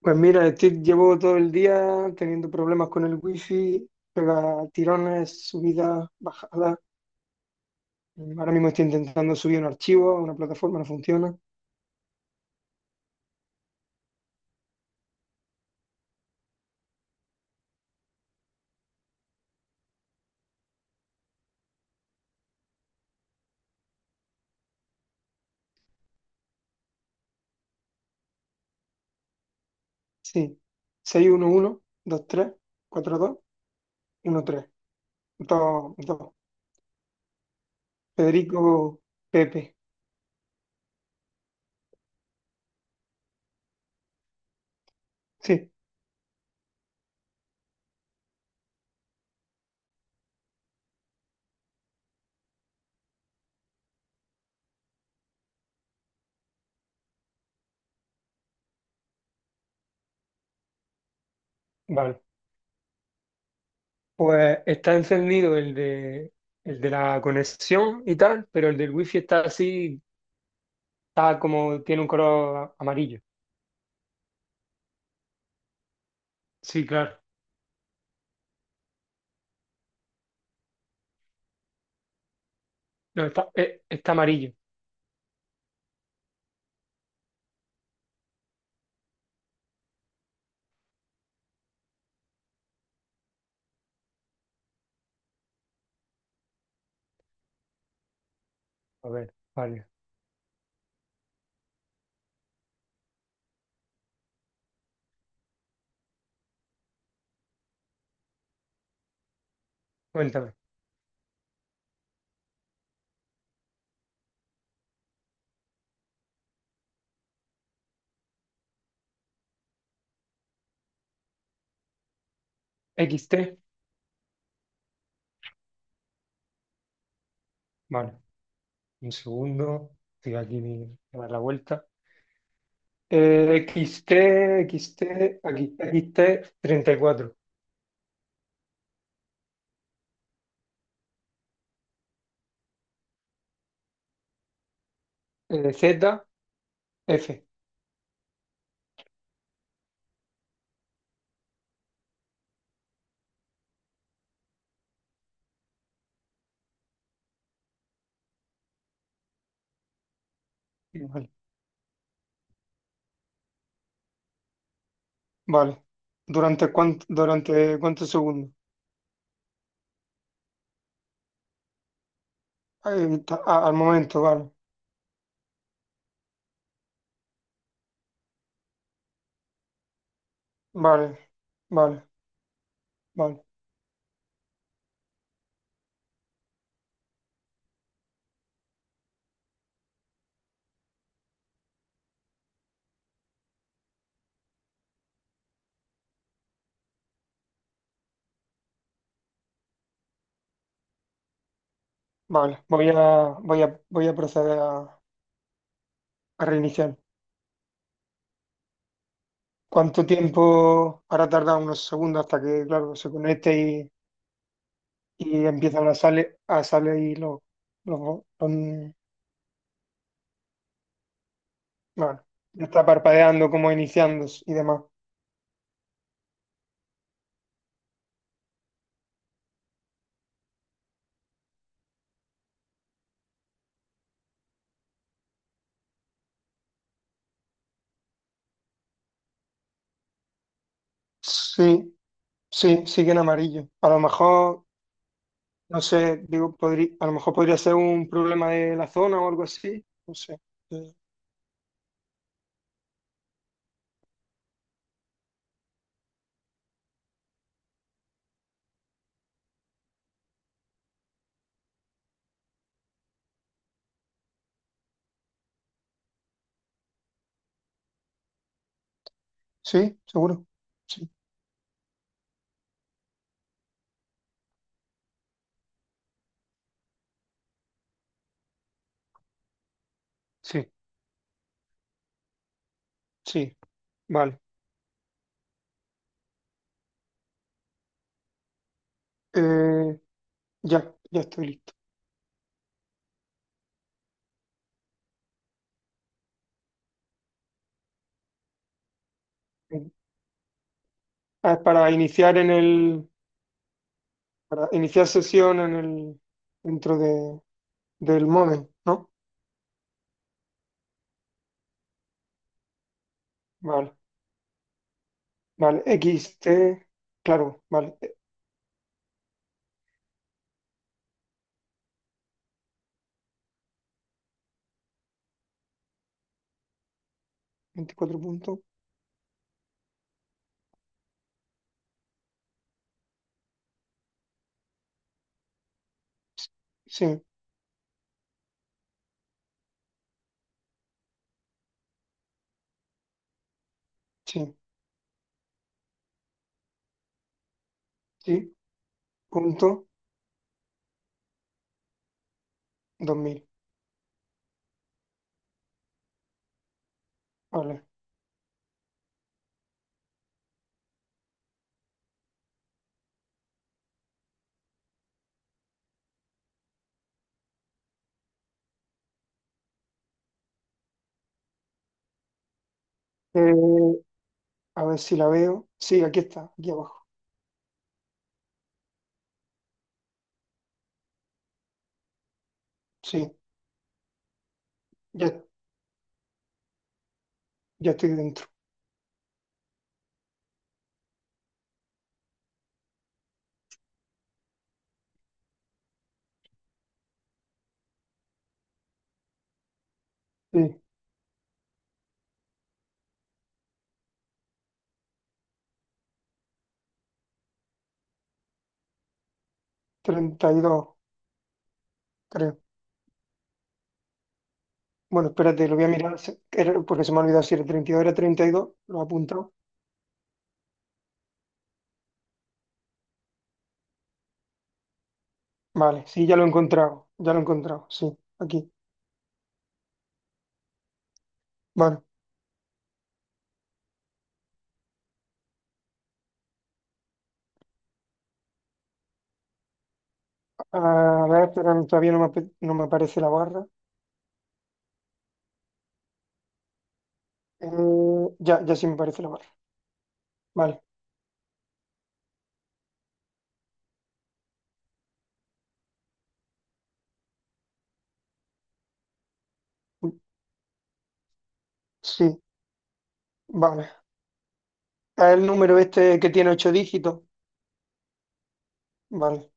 Pues mira, llevo todo el día teniendo problemas con el wifi, pega tirones, subidas, bajadas. Ahora mismo estoy intentando subir un archivo a una plataforma, no funciona. Sí, 611, 23, 42, 13, 2, 2. Federico Pepe. Sí, vale. Pues está encendido el de la conexión y tal, pero el del wifi está así, está como, tiene un color amarillo. Sí, claro. No, está amarillo. A ver, vale. Cuéntame. XT. Vale. Un segundo. Estoy aquí a dar la vuelta. Eh, XT, XT, aquí, XT 34. Z, F. Vale. Vale. ¿Durante cuántos segundos? Ahí está, al momento, vale. Vale. Vale. Vale. Vale. Voy a proceder a reiniciar. ¿Cuánto tiempo hará tardar unos segundos hasta que, claro, se conecte y empiezan a salir los, los? Bueno, ya está parpadeando como iniciándose y demás. Sí, sí, sigue en amarillo. A lo mejor, no sé, digo, podrí- a lo mejor podría ser un problema de la zona o algo así, no sé. Eh, Sí, seguro. Sí, sí, sí, vale. Eh, ya estoy listo. Ah, es para iniciar en el, para iniciar sesión en el, dentro de, del modem, ¿no? Vale. Vale, XT. Claro, vale, 24 puntos, sí, sí, sí, punto 2000. Vale. Eh, a ver si la veo, sí, aquí está, aquí abajo, sí, ya, ya estoy dentro, sí, 32 creo. Bueno, espérate, lo voy a mirar, porque se me ha olvidado si era 32, era 32 lo he apuntado. Vale, sí, ya lo he encontrado, ya lo he encontrado, sí, aquí. Vale, a ver, pero todavía no me aparece la barra. Eh, ya sí me aparece la barra. Vale. Sí, vale. Es el número este que tiene ocho dígitos. Vale,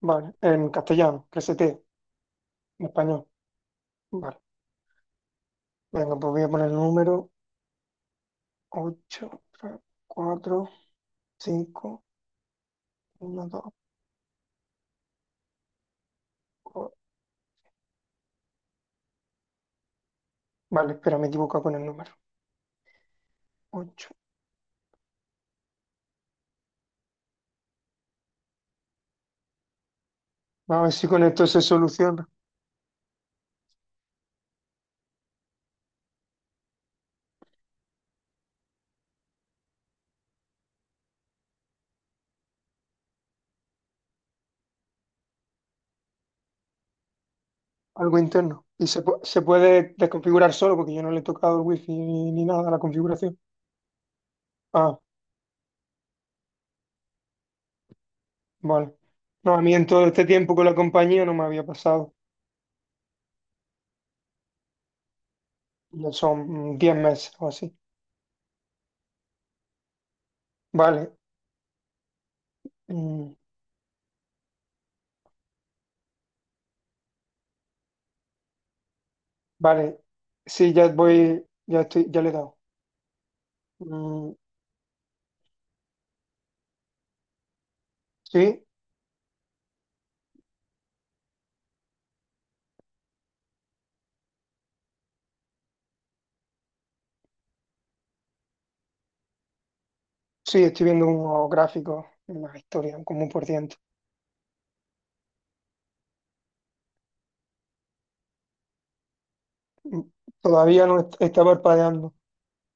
vale. En castellano, en español. Vale. Venga, pues voy a poner el número 8 3, 4, 5, 1, 2, 4. Vale, espera, me he equivocado con el número. 8. Vamos a ver si con esto se soluciona algo interno. Y se puede desconfigurar solo porque yo no le he tocado el wifi ni nada a la configuración. Ah, vale. No, a mí en todo este tiempo con la compañía no me había pasado. Ya son 10 meses o así. Vale, mm, vale. Sí, ya voy, ya estoy, ya le he dado. Mm, sí, sí, estoy viendo unos gráficos, una historia, como un por ciento. Mm, Todavía no está parpadeando.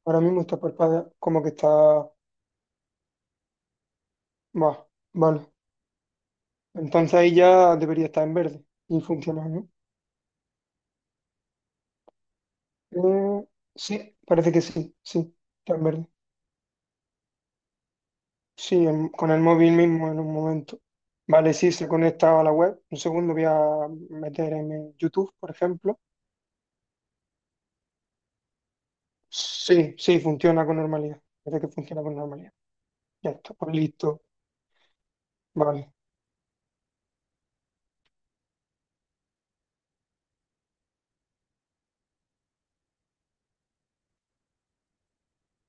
Ahora mismo está parpadeando, como que está. Va, vale. Entonces ahí ya debería estar en verde y funcionar, ¿no? Eh, sí, parece que sí, sí, está en verde. Sí, con el móvil mismo en un momento. Vale, sí, se conecta a la web. Un segundo voy a meter en YouTube, por ejemplo. Sí, sí, funciona con normalidad. Parece que funciona con normalidad. Ya está, pues listo. Vale,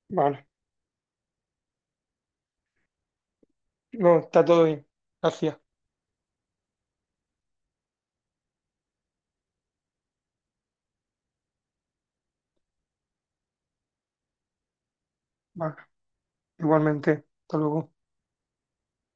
vale. No, está todo bien. Gracias. Vale, igualmente. Hasta luego.